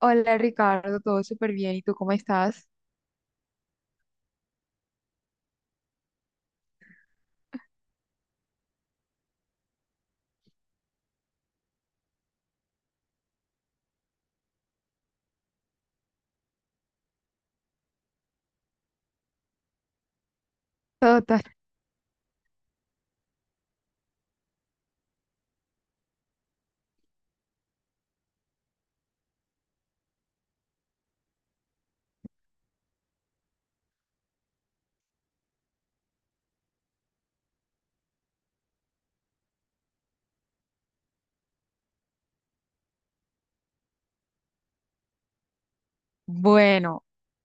Hola Ricardo, todo súper bien. ¿Y tú cómo estás? Total. Bueno,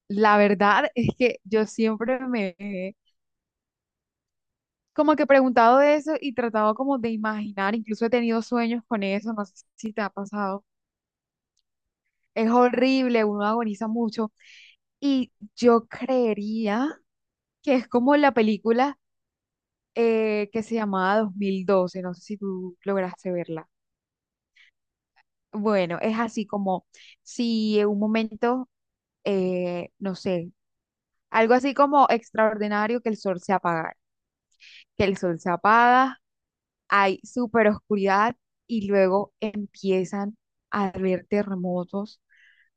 la verdad es que yo siempre me he como que preguntado de eso y tratado como de imaginar, incluso he tenido sueños con eso, no sé si te ha pasado. Es horrible, uno agoniza mucho. Y yo creería que es como la película que se llamaba 2012. No sé si tú lograste verla. Bueno, es así como si en un momento, no sé. Algo así como extraordinario que el sol se apaga, que el sol se apaga, hay súper oscuridad y luego empiezan a haber terremotos.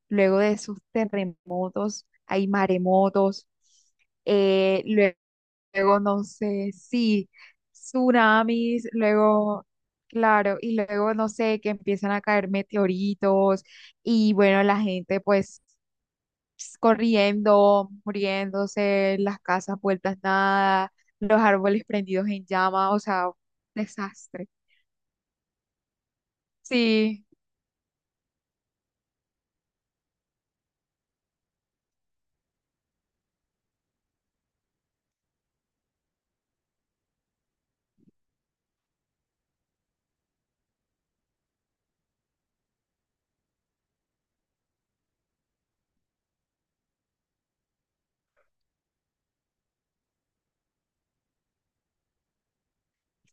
Luego de esos terremotos hay maremotos. eh, lue- Luego, no sé, sí, tsunamis, luego, claro, y luego, no sé, que empiezan a caer meteoritos y bueno, la gente pues ps, corriendo, muriéndose, las casas vueltas nada, los árboles prendidos en llama, o sea, desastre. Sí,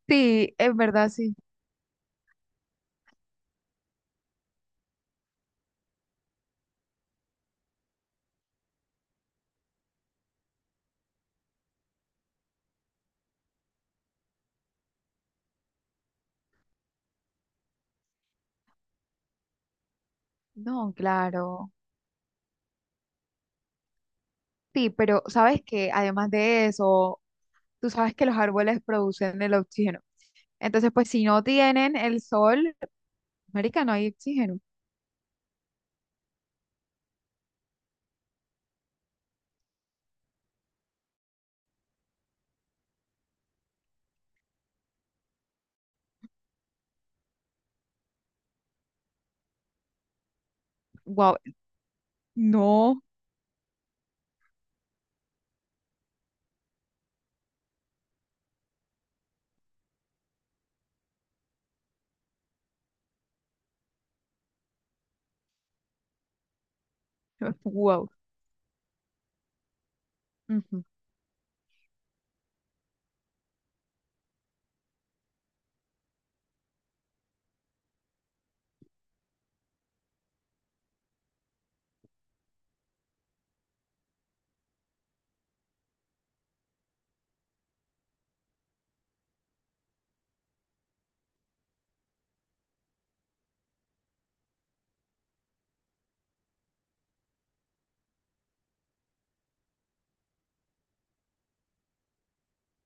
sí, es verdad, sí. No, claro. Sí, pero sabes que además de eso, tú sabes que los árboles producen el oxígeno. Entonces, pues si no tienen el sol, marica, no hay oxígeno. Wow, no, wow. Ujú.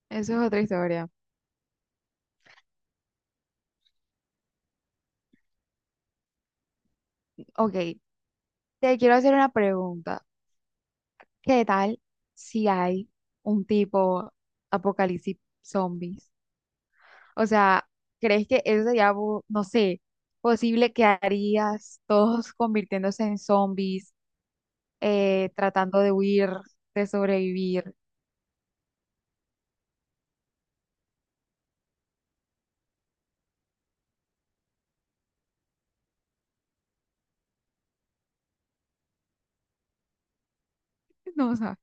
Eso es otra historia. Ok, te quiero hacer una pregunta. ¿Qué tal si hay un tipo apocalipsis zombies? O sea, ¿crees que eso sería, bu- no sé, posible que harías todos convirtiéndose en zombies, tratando de huir, de sobrevivir? No, o sea,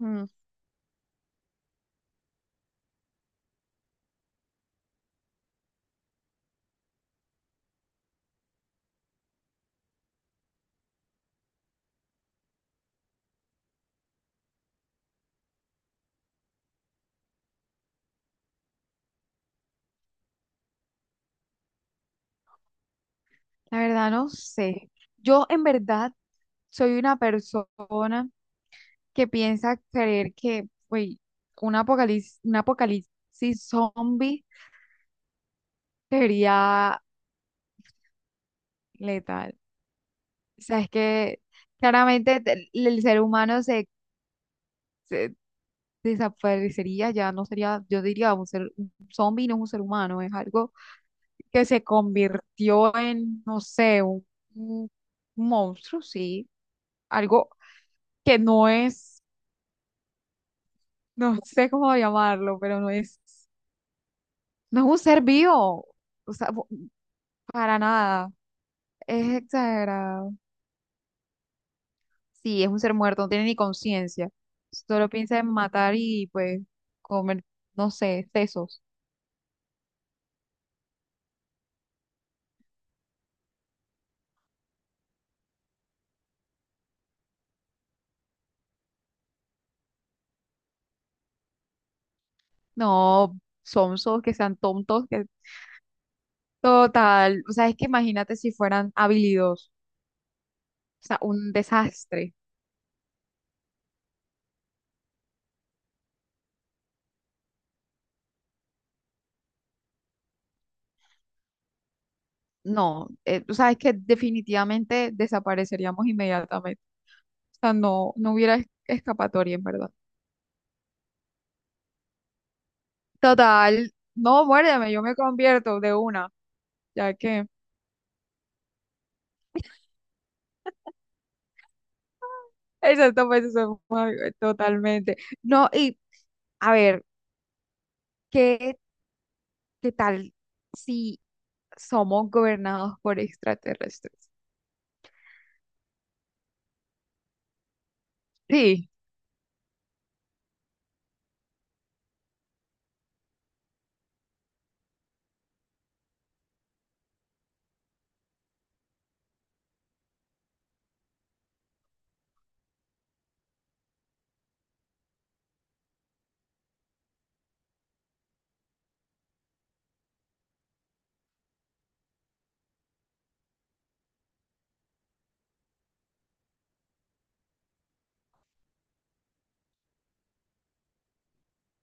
mm, la verdad no sé. Yo en verdad soy una persona que piensa creer que, güey, un apocalipsis zombie sería letal. O sea, es que claramente te- el ser humano se, se desaparecería, ya no sería, yo diría, un ser, un zombie no es un ser humano, es algo que se convirtió en, no sé, un monstruo, sí, algo que no es, no sé cómo llamarlo, pero no es, no es un ser vivo, o sea, bu- para nada, es exagerado. Sí, es un ser muerto, no tiene ni conciencia. Solo piensa en matar y pues comer, no sé, sesos. No, sonsos, que sean tontos, que total. O sea, es que imagínate si fueran habilidosos. O sea, un desastre. No, o sea, es que definitivamente desapareceríamos inmediatamente. O sea, no, no hubiera es- escapatoria, en verdad. Total, no, muérdeme, yo me convierto de una, ya que. Exacto, pues eso fue totalmente. No, y a ver, ¿qué, qué tal si somos gobernados por extraterrestres? Sí.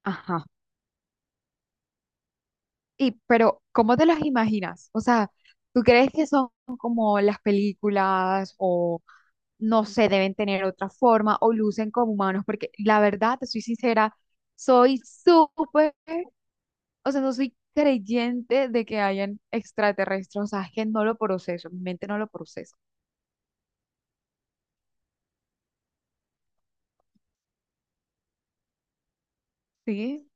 Ajá. Y, pero, ¿cómo te los imaginas? O sea, ¿tú crees que son como las películas o no sé, deben tener otra forma o lucen como humanos? Porque la verdad, te soy sincera, soy súper o sea, no soy creyente de que hayan extraterrestres, o sea, es que no lo proceso, mi mente no lo procesa, ¿sí?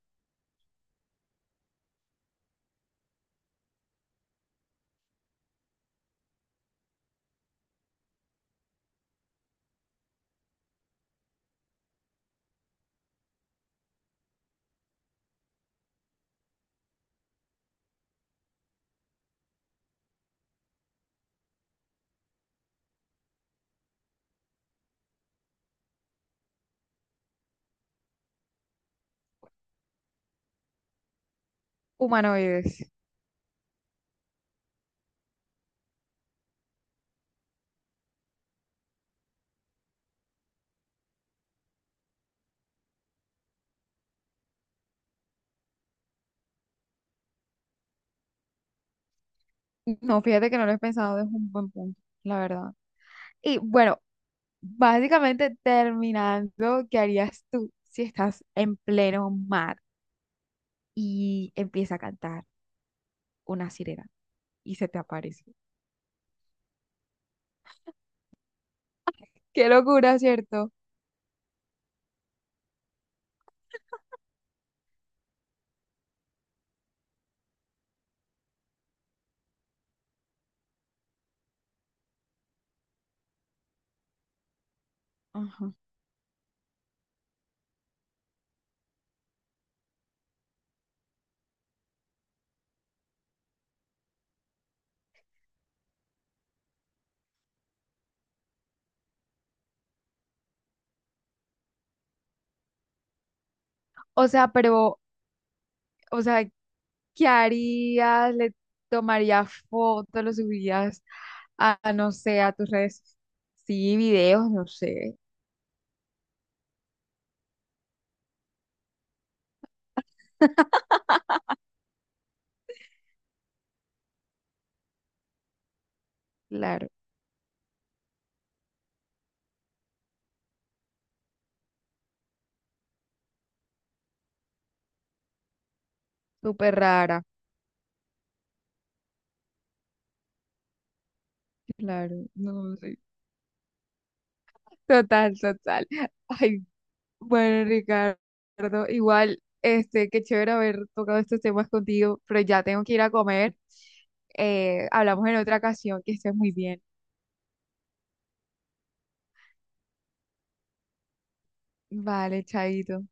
Humanoides. No, fíjate que no lo he pensado, es un buen punto, la verdad. Y bueno, básicamente terminando, ¿qué harías tú si estás en pleno mar y empieza a cantar una sirena y se te aparece? Qué locura, ¿cierto? Ajá. O sea, pero o sea, ¿qué harías? ¿Le tomarías fotos? ¿Lo subirías a, no sé, a tus redes? Sí, videos, no sé. Claro, súper rara. Claro, no sé. Total, total. Ay, bueno, Ricardo, igual, este, qué chévere haber tocado estos temas contigo, pero ya tengo que ir a comer. Hablamos en otra ocasión, que estés muy bien. Vale, chaito.